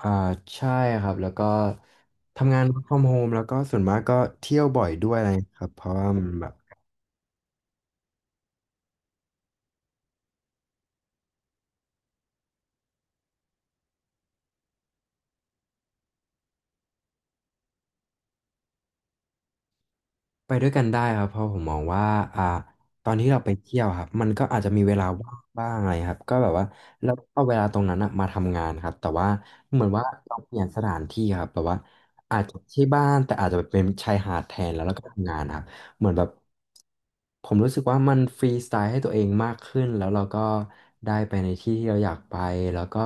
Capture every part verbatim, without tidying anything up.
อ่าใช่ครับแล้วก็ทำงาน เวิร์ค ฟรอม โฮม แล้วก็ส่วนมากก็เที่ยวบ่อยด้วยอะไรเงี้ยครับเพราะว่ามันแบบ ไปด้วยกันได้ครับเพราะผมมองว่าอ่าตอนที่เราไปเที่ยวครับมันก็อาจจะมีเวลาว่างบ้างอะไรครับก็แบบว่าเราเอาเวลาตรงนั้นอะมาทำงานครับแต่ว่าเหมือนว่าเราเปลี่ยนสถานที่ครับแบบว่าอาจจะที่บ้านแต่อาจจะเป็นชายหาดแทนแล้วแล้วก็ทำงานครับเหมือนแบบผมรู้สึกว่ามันฟรีสไตล์ให้ตัวเองมากขึ้นแล้วเราก็ได้ไปในที่ที่เราอยากไปแล้วก็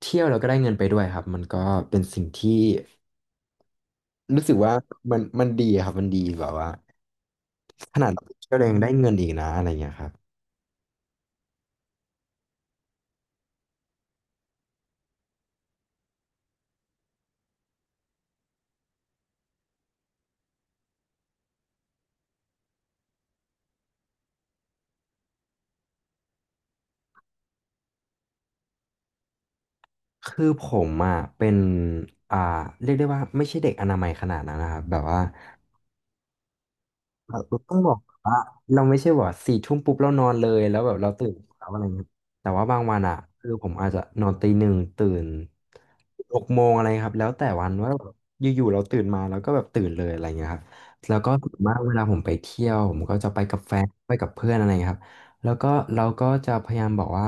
เที่ยวเราก็ได้เงินไปด้วยครับมันก็เป็นสิ่งที่รู้สึกว่ามันมันดีครับมันดีแบบว่า ขนาดเราไปเที่ยวเรายังได้เงินอีกนะอะไรเงี้ยครับคือผมอ่ะเป็นอ่าเรียกได้ว่าไม่ใช่เด็กอนามัยขนาดนั้นนะครับแบบว่าเราต้องบอกว่าเราไม่ใช่ว่าสี่ทุ่มปุ๊บเรานอนเลยแล้วแบบเราตื่นแล้าอะไรเงี้ยแต่ว่าบางวันอ่ะคือผมอาจจะนอนตีหนึ่งตื่นหกโมงอะไรครับแล้วแต่วันว่าแบบอยู่ๆเราตื่นมาแล้วก็แบบตื่นเลยอะไรเงี้ยครับแล้วก็ส่วนมากเวลาผมไปเที่ยวผมก็จะไปกับแฟนไปกับเพื่อนอะไรเงี้ยครับแล้วก็เราก็จะพยายามบอกว่า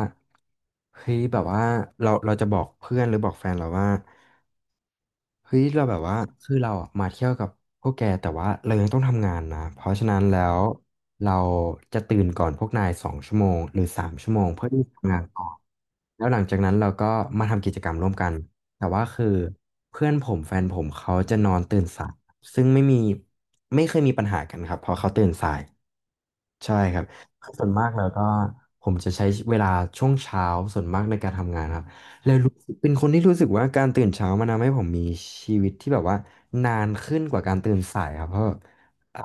เฮ้ยแบบว่าเราเราจะบอกเพื่อนหรือบอกแฟนเราว่าเฮ้ยเราแบบว่าคือเราอะมาเที่ยวกับพวกแกแต่ว่าเรายังต้องทำงานนะเพราะฉะนั้นแล้วเราจะตื่นก่อนพวกนายสองชั่วโมงหรือสามชั่วโมงเพื่อที่จะทำงานต่อแล้วหลังจากนั้นเราก็มาทำกิจกรรมร่วมกันแต่ว่าคือเพื่อนผมแฟนผมเขาจะนอนตื่นสายซึ่งไม่มีไม่เคยมีปัญหากันครับเพราะเขาตื่นสาย ใช่ครับคือส่วนมากแล้วก็ผมจะใช้เวลาช่วงเช้าส่วนมากในการทำงานครับแล้วรู้สึกเป็นคนที่รู้สึกว่าการตื่นเช้ามันทำให้ผมมีชีวิตที่แบบว่านานขึ้นกว่าการตื่นสายครับเพราะอ่า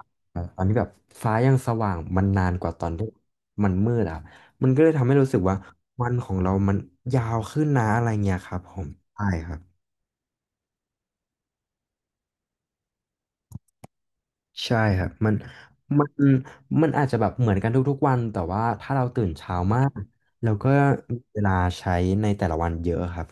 ตอนนี้แบบฟ้ายังสว่างมันนานกว่าตอนที่มันมืดอะครับมันก็เลยทำให้รู้สึกว่าวันของเรามันยาวขึ้นนะอะไรเงี้ยครับผมใช่ครับ ใช่ครับมันมันมันอาจจะแบบเหมือนกันทุกๆวันแต่ว่าถ้าเราตื่นเช้ามากเราก็มีเวลาใช้ในแต่ละวันเยอะครับ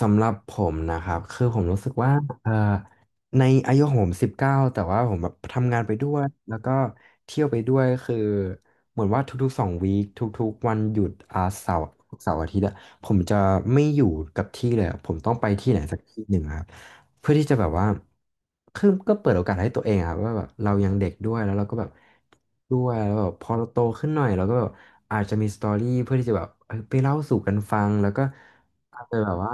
สำหรับผมนะครับคือผมรู้สึกว่าเอ่อในอายุของผมสิบเก้าแต่ว่าผมแบบทำงานไปด้วยแล้วก็เที่ยวไปด้วยคือเหมือนว่าทุกๆสองวีคทุกๆวันหยุดอาเสาร์เสาร์อาทิตย์อะผมจะไม่อยู่กับที่เลยอะผมต้องไปที่ไหนสักที่หนึ่งอะครับเพื่อที่จะแบบว่าคือก็เปิดโอกาสให้ตัวเองอะครับว่าแบบเรายังเด็กด้วยแล้วเราก็แบบด้วยแล้วแบบพอเราโตขึ้นหน่อยเราก็แบบอาจจะมีสตอรี่เพื่อที่จะแบบเอยไปเล่าสู่กันฟังแล้วก็ อาจจะแบบว่า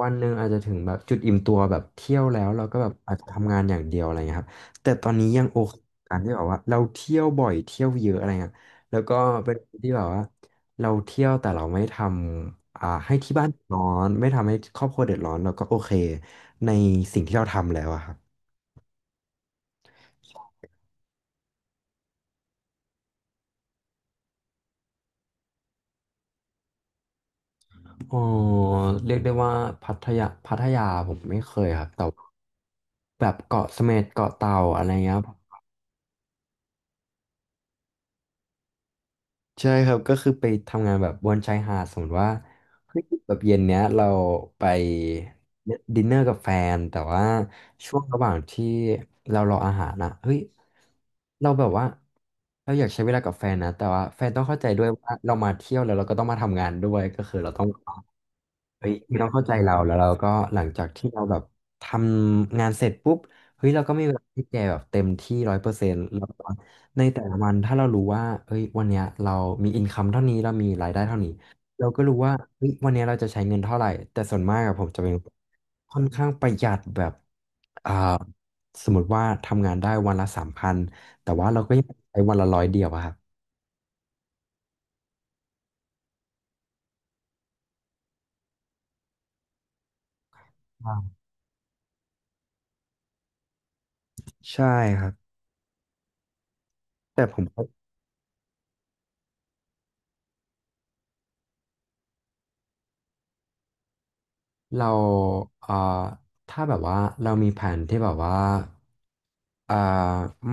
วันหนึ่งอาจจะถึงแบบจุดอิ่มตัวแบบเที่ยวแล้วเราก็แบบอาจจะทำงานอย่างเดียวอะไรเงี้ยครับแต่ตอนนี้ยังโอเคกับการที่แบบว่าเราเที่ยวบ่อยเที่ยวเยอะอะไรเงี้ยแล้วก็เป็นคนที่แบบว่าเราเที่ยวแต่เราไม่ทำอ่าให้ที่บ้านเดือดร้อนไม่ทำให้ครอบครัวเดือดร้อนเราก็โอเคในสิ่งที่เราทำแล้วอะครับอ๋อเรียกได้ว่าพัทยาพัทยาผมไม่เคยครับแต่ว่าแบบเกาะเสม็ดเกาะเต่าอะไรเงี้ย ใช่ครับก็คือไปทำงานแบบบนชายหาดสมมติว่าเฮ้ยแบบเย็นเนี้ยเราไปดินเนอร์กับแฟนแต่ว่าช่วงระหว่างที่เรารออาหารนะเฮ้ยเราแบบว่าเราอยากใช้เวลากับแฟนนะแต่ว่าแฟนต้องเข้าใจด้วยว่าเรามาเที่ยวแล้วเราก็ต้องมาทำงานด้วยก็คือเราต้อง เฮ้ยไม่ต้องเข้าใจเราแล้วเราก็หลังจากที่เราแบบทำงานเสร็จปุ๊บเฮ้ยเราก็มีเวลาที่แกแบบเต็มที่ร้อยเปอร์เซ็นต์แล้วก็ในแต่ละวันถ้าเรารู้ว่าเฮ้ยวันเนี้ยเรามีอินคัมเท่านี้เรามีรายได้เท่านี้เราก็รู้ว่าเฮ้ยวันเนี้ยเราจะใช้เงินเท่าไหร่แต่ส่วนมากอะผมจะเป็นค่อนข้างประหยัดแบบอ่าสมมติว่าทำงานได้วันละสามพันแต่ว่าเราก็ยังใช้วันละร้อยเดียวอะครับอ่าใช่ครับแต่ผม เราเอ่อถ้าแบบว่าเรามีแผนที่แบบว่า อ่า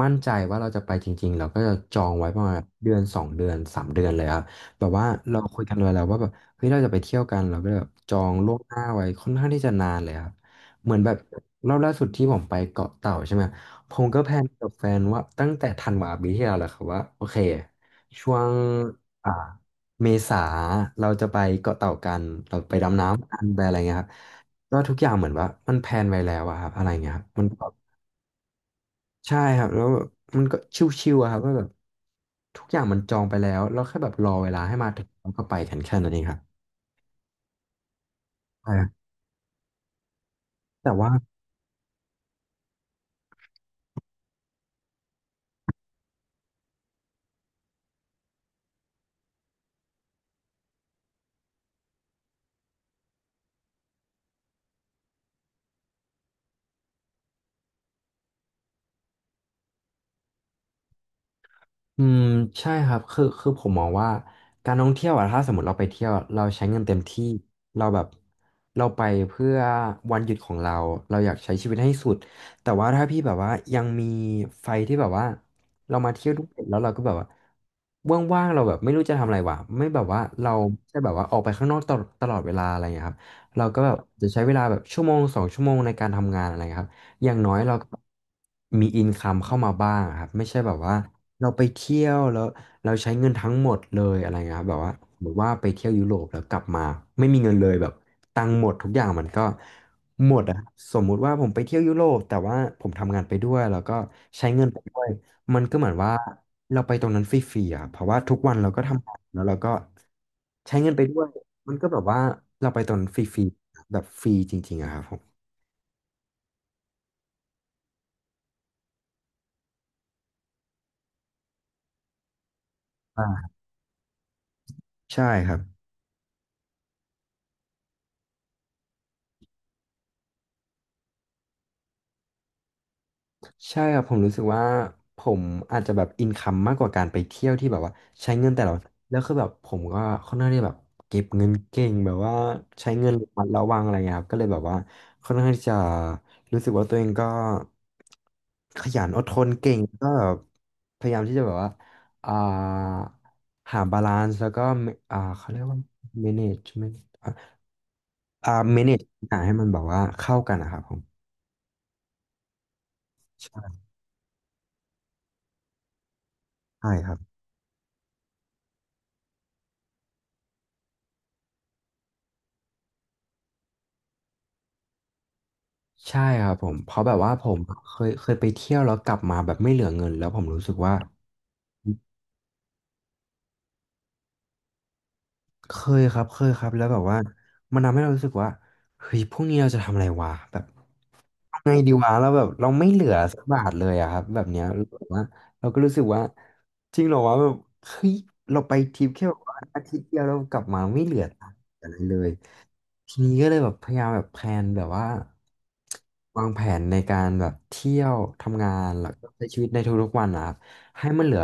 มั่นใจว่าเราจะไปจริงๆเราก็จะจองไว้ประมาณแบบเดือนสองเดือนสามเดือนเลยครับแบบว่าเราคุยกันไว้แล้วว่าแบบเฮ้ยเราจะไปเที่ยวกันเราก็เลยแบบจองล่วงหน้าไว้ค่อนข้างที่จะนานเลยครับเหมือนแบบรอบล่าสุดที่ผมไปเกาะเต่าใช่ไหมผมก็แพลนกับแฟนว่าตั้งแต่ธันวาปีที่แล้วแหละครับว่าโอเคช่วงอ่าเมษาเราจะไปเกาะเต่ากันเราไปดำน้ำกันไปอะไรเงี้ยครับก็ทุกอย่างเหมือนว่ามันแพลนไว้แล้วอะครับอะไรเงี้ยครับมัน ใช่ครับแล้วแบบมันก็ชิวๆอะครับว่าแบบทุกอย่างมันจองไปแล้วเราแค่แบบรอเวลาให้มาถึงแล้วก็ไปกันแค่นั้นเองครับใช่ครับแต่ว่า อืมใช่ครับคือคือผมมองว่าการท่องเที่ยวอะถ้าสมมติเราไปเที่ยวอเราใช้เงินเต็มที่เราแบบเราไปเพื่อวันหยุดของเราเราอยากใช้ชีวิตให้สุดแต่ว่าถ้าพี่แบบว่ายังมีไฟที่แบบว่าเรามาเที่ยวด้วนแล้วเราก็แบบว่าว่างๆเราแบบไม่รู้จะทำอะไรวะไม่แบบว่าเราใช่แบบว่าออกไปข้างนอกตลอดตลอดเวลาอะไรอย่างเงี้ยครับเราก็แบบจะใช้เวลาแบบชั่วโมงสองชั่วโมงในการทำงานอะไรครับอย่างน้อยเราก็มีอินคัมเข้ามาบ้างครับไม่ใช่แบบว่า เราไปเที่ยวแล้วเราใช้เงินทั้งหมดเลยอะไรเงี้ยครับแบบว่าสมมติว่าไปเที่ยวยุโรปแล้วกลับมาไม่มีเงินเลยแบบตังค์หมดทุกอย่างมันก็หมดอะสมมุติว่าผมไปเที่ยวยุโรปแต่ว่าผมทำงานไปด้วยแล้วก็ใช้เงินไปด้วยมันก็เหมือนว่าเราไปตรงนั้นฟรีๆอ่ะเพราะว่าทุกวันเราก็ทำงานแล้วเราก็ใช้เงินไปด้วยมันก็แบบว่าเราไปตรงนั้นฟรีๆแบบฟรีจริงๆอะครับผมอ่าใช่ครับ ใช่ครับผมรู้สึกว่าผมอาจจะแบบอินคัมมากกว่าการไปเที่ยวที่แบบว่าใช้เงินแต่ละวันแล้วคือแบบผมก็ค่อนข้างที่แบบเก็บเงินเก่งแบบว่าใช้เงินระมัดระวังอะไรเงี้ยครับก็เลยแบบว่าค่อนข้างที่จะรู้สึกว่าตัวเองก็ขยันอดทนเก่งก็แบบพยายามที่จะแบบว่าอ่าหาบาลานซ์แล้วก็อ่าเขาเรียกว่า เอ็ม เอ เอ็น เอ จี อี เอ็ม อี เอ็น ที อ่า แมเนจ ทุกอย่างให้มันแบบว่าเข้ากันนะครับผมใช่ครับ ใช่ครับผมเพราะแบบว่าผมเคยเคยไปเที่ยวแล้วกลับมาแบบไม่เหลือเงินแล้วผมรู้สึกว่า เคยครับเคยครับแล้วแบบว่ามันทำให้เรารู้สึกว่าเฮ้ยพรุ่งนี้เราจะทำอะไรวะแบบเอาไงดีวะแล้วแบบเราไม่เหลือสักบาทเลยอะครับแบบเนี้ยรู้สึกว่าเราก็รู้สึกว่าจริงเหรอวะแบบเฮ้ยเราไปทริปแค่แบบว่าอาทิตย์เดียวเรากลับมาไม่เหลือตังค์อะไรเลยทีนี้ก็เลยแบบพยายามแบบแพลนแบบว่าวางแผนในการแบบเที่ยวทำงานแล้วก็ใช้ชีวิตในทุกๆวันนะครับให้มันเหลือ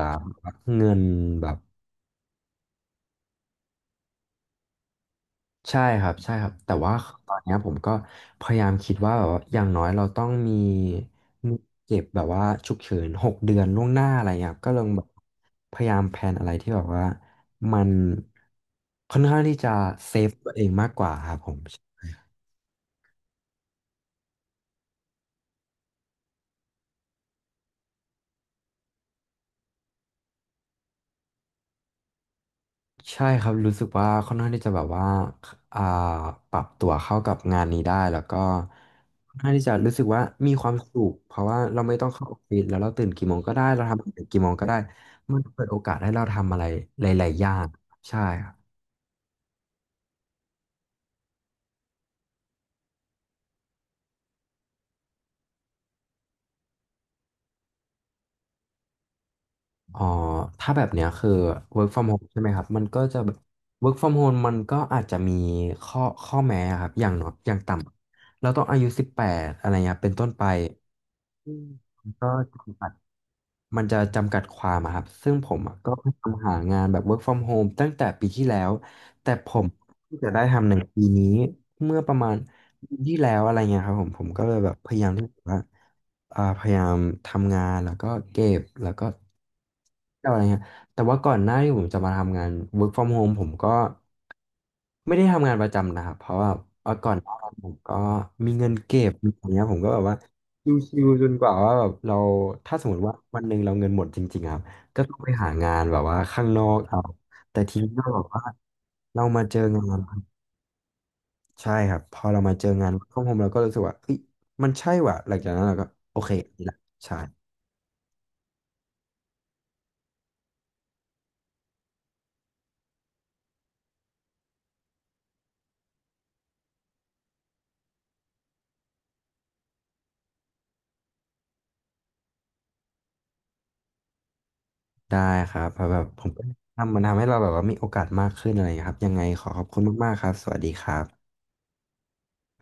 เงินแบบ ใช่ครับใช่ครับแต่ว่าตอนเนี้ยผมก็พยายามคิดว่าแบบว่าอย่างน้อยเราต้องมีมีเก็บแบบว่าฉุกเฉินหกเดือนล่วงหน้าอะไรเงี้ยครับก็ลองแบบพยายามแพลนอะไรที่แบบว่ามันค่อนข้างที่จะเซฟตัวเองมากกว่าครับผม ใช่ครับรู้สึกว่าค่อนข้างที่จะแบบว่าอ่าปรับตัวเข้ากับงานนี้ได้แล้วก็ค่อนข้างที่จะรู้สึกว่ามีความสุขเพราะว่าเราไม่ต้องเข้าออฟฟิศแล้วเราตื่นกี่โมงก็ได้เราทำนกี่โมงก็ได้มันเปิดโอกาสให้เราทำอะไรหลายๆอย่างใช่ครับอ๋อถ้าแบบเนี้ยคือ work from home ใช่ไหมครับมันก็จะแบบ work from home มันก็อาจจะมีข้อข้อแม้ครับอย่างน้อยอย่างต่ำเราต้องอายุสิบแปดอะไรเงี้ยเป็นต้นไปอืมก็ มันจะจำกัดความอะครับซึ่งผมอะก็พยายามหางานแบบ work from home ตั้งแต่ปีที่แล้ว แต่ผมเพิ่งจะได้ทำในปีนี้ เมื่อประมาณปีที่แล้วอะไรเงี้ยครับผมผมก็เลยแบบพยายามที่จะว่าอ่าพยายามทำงาน แล้วก็เก็บแล้วก็อะไรเงี้ยแต่ว่าก่อนหน้าที่ผมจะมาทำงาน work from home ผมก็ ไม่ได้ทำงานประจำนะครับเพราะว่าเอาก่อนหน้านั้นผมก็มีเงินเก็บมีอย่างเงี้ยผมก็แบบว่าชิวๆจนกว่าว่าแบบเราถ้าสมมติว่าวันหนึ่งเราเงินหมดจริงๆครับก็ต้องไปหางานแบบว่าข้างนอกเอาแต่ทีนี้ก็แบบว่าเรามาเจองานใช่ครับพอเรามาเจองานข้างผมเราก็รู้สึกว่าเอ้ยมันใช่ว่ะหลังจากนั้นเราก็โอเคนี่แหละใช่ได้ครับเพราะแบบผมก็ทำมันทำให้เราแบบว่ามีโอกาสมากขึ้นอะไรอย่างเงี้ยครับยังไงขอขอบคุณมากๆครับสวัสดีครับ